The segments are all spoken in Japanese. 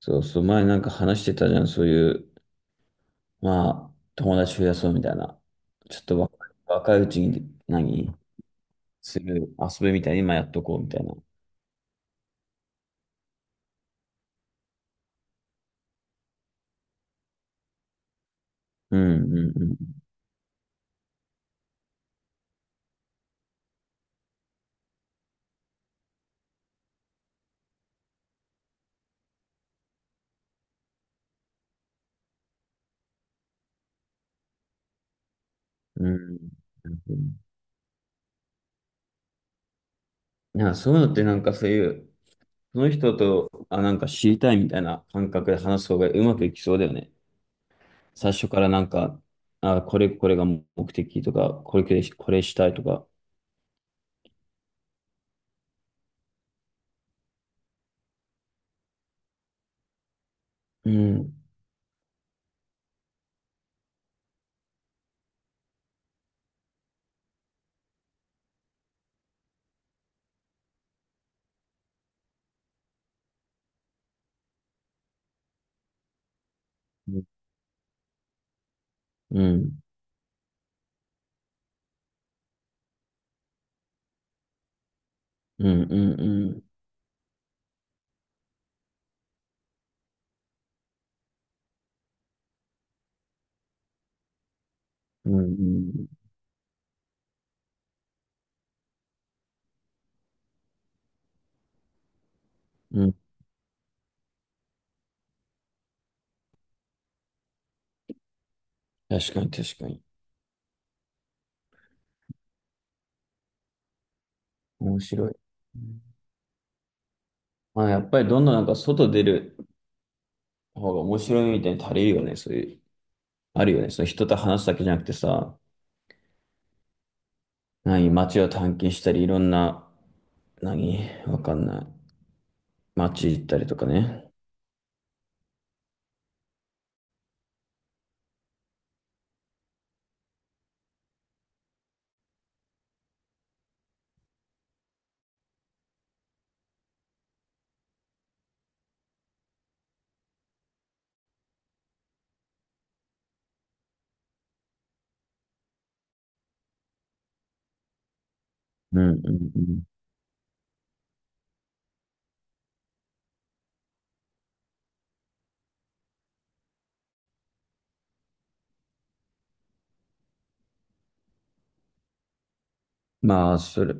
そうそう、前なんか話してたじゃん。そういう、まあ、友達増やそうみたいな。ちょっと若いうちに何する遊びみたいに今やっとこうみたいな。うんうんうん。うん。なんかそういうのってなんかそういう、その人と、あ、なんか知りたいみたいな感覚で話す方がうまくいきそうだよね。最初からなんか、あ、これが目的とか、これしたいとか。うん。うん。うんうんうん。うんうんうん。確かに確かに。面白い。うん。まあ、やっぱりどんどんなんか外出る方が面白いみたいに足りるよね。そういう、あるよね。その人と話すだけじゃなくてさ、何、街を探検したり、いろんな、何、わかんない。街行ったりとかね。うんうんうん。まあ、それ、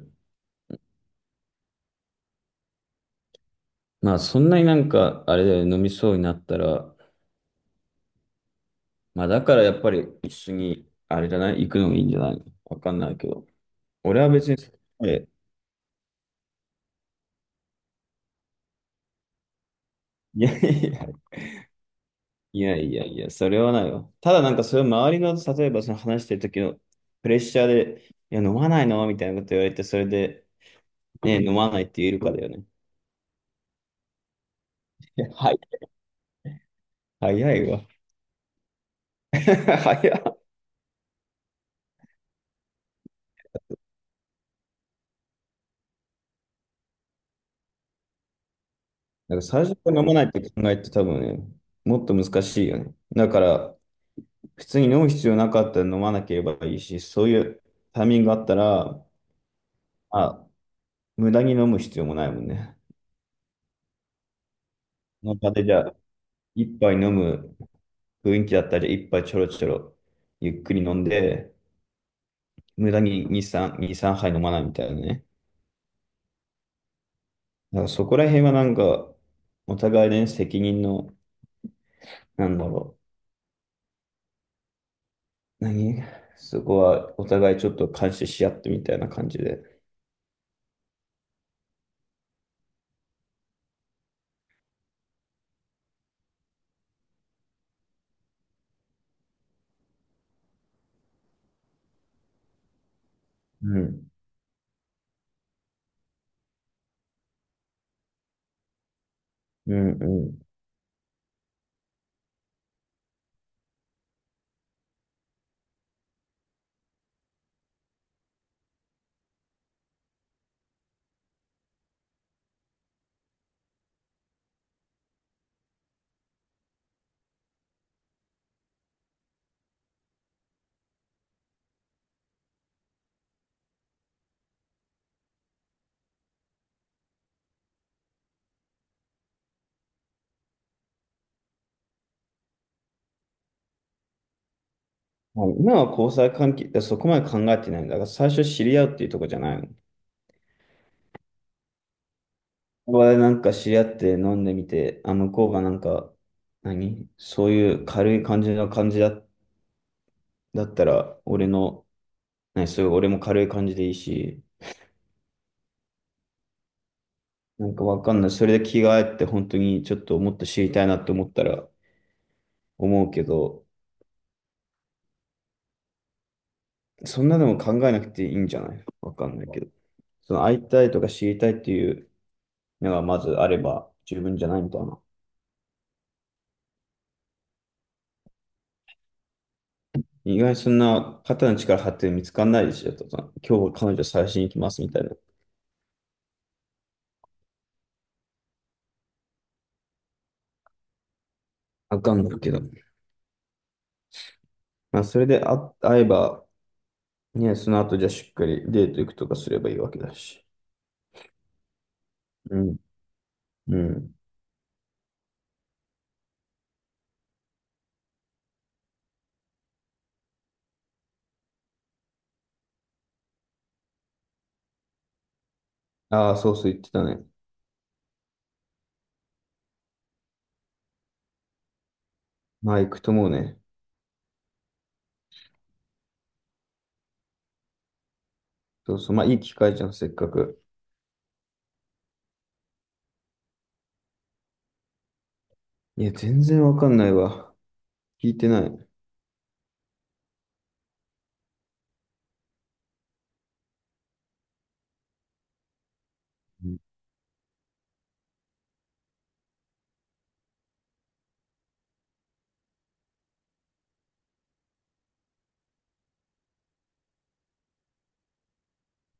まあ、そんなになんか、あれだよね。飲みそうになったら、まあ、だからやっぱり一緒に、あれじゃない、行くのもいいんじゃない、わかんないけど。俺は別に、えいやいやいやいやいや、それはないわ。ただなんかそれを周りの、例えばその話してる時のプレッシャーで、いや、飲まないのみたいなこと言われて、それで、ね、飲まないって言えるかだよね。いや、はい。早いわ。早い。なんか最初から飲まないって考えって多分ね、もっと難しいよね。だから、普通に飲む必要なかったら飲まなければいいし、そういうタイミングがあったら、まあ、無駄に飲む必要もないもんね。その場でじゃあ、一杯飲む雰囲気だったり、一杯ちょろちょろゆっくり飲んで、無駄に2、3、2、3杯飲まないみたいなね。だからそこら辺はなんか、お互いね、責任の、なんだろう。何、そこはお互いちょっと監視し合ってみたいな感じで。うん。うん、うん。まあ今は交際関係、そこまで考えてないんだ。だから最初知り合うっていうとこじゃないの。ここでなんか知り合って飲んでみて、あ、向こうがなんか、何、そういう軽い感じの感じだ、だったら、俺の、何、そういう俺も軽い感じでいいし、なんかわかんない。それで着替えって本当にちょっともっと知りたいなって思ったら思うけど、そんなでも考えなくていいんじゃない、わかんないけど。その会いたいとか知りたいっていうのがまずあれば十分じゃないみたいな。意外にそんな肩の力張って見つかんないでしょとか、今日彼女探しに行きますみたいな。わかんないけど。まあそれであ会えば、ね、その後じゃあしっかりデート行くとかすればいいわけだし。うん。うん。ああ、そうそう言ってたね。まあ行くと思うね。そうそう、まあいい機会じゃん、せっかく。いや、全然わかんないわ。聞いてない。うん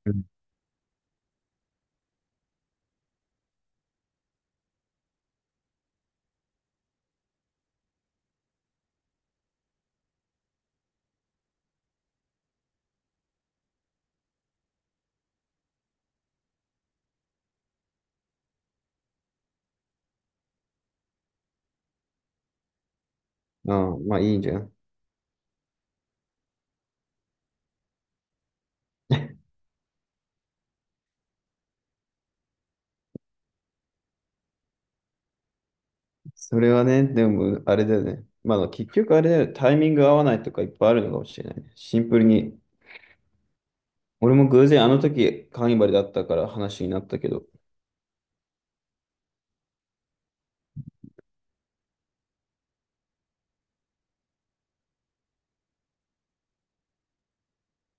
うん。ああ、まあいいじゃん。それはね、でも、あれだよね。まあ結局あれだよね、タイミング合わないとかいっぱいあるのかもしれないね。シンプルに。俺も偶然あの時、カーニバルだったから話になったけど。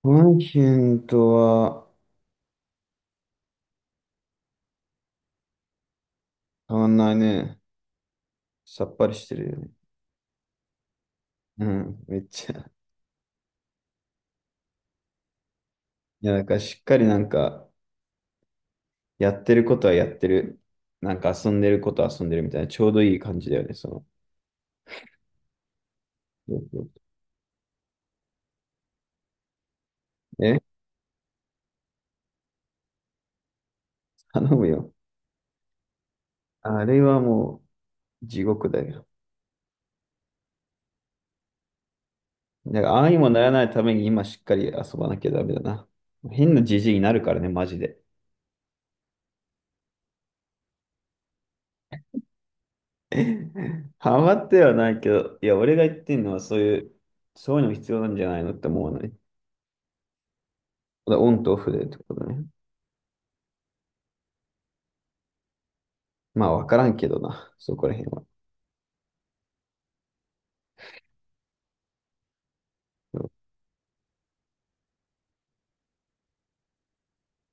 ワンヒンとは変わんないね。さっぱりしてるよね。うん、めっちゃ。いや、なんかしっかりなんか、やってることはやってる。なんか遊んでることは遊んでるみたいな、ちょうどいい感じだよね、その。え、頼むよ。あれはもう地獄だよ。だからああにもならないために今しっかり遊ばなきゃダメだな。変なじじいになるからね、マジで。ハマってはないけど、いや、俺が言ってんのはそういう、そういうの必要なんじゃないのって思わない。だオンとオフでってことね。まあ、わからんけどな、そこら辺は。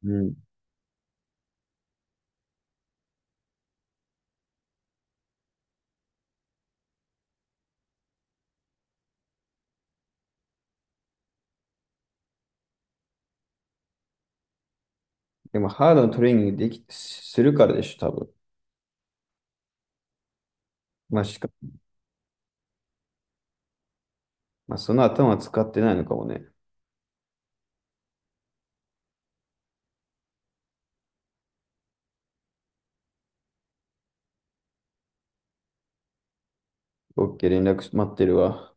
うん。でも、ハードのトレーニングでき、するからでしょ、多分。まあ、しか、まあ、その頭使ってないのかもね。OK、連絡待ってるわ。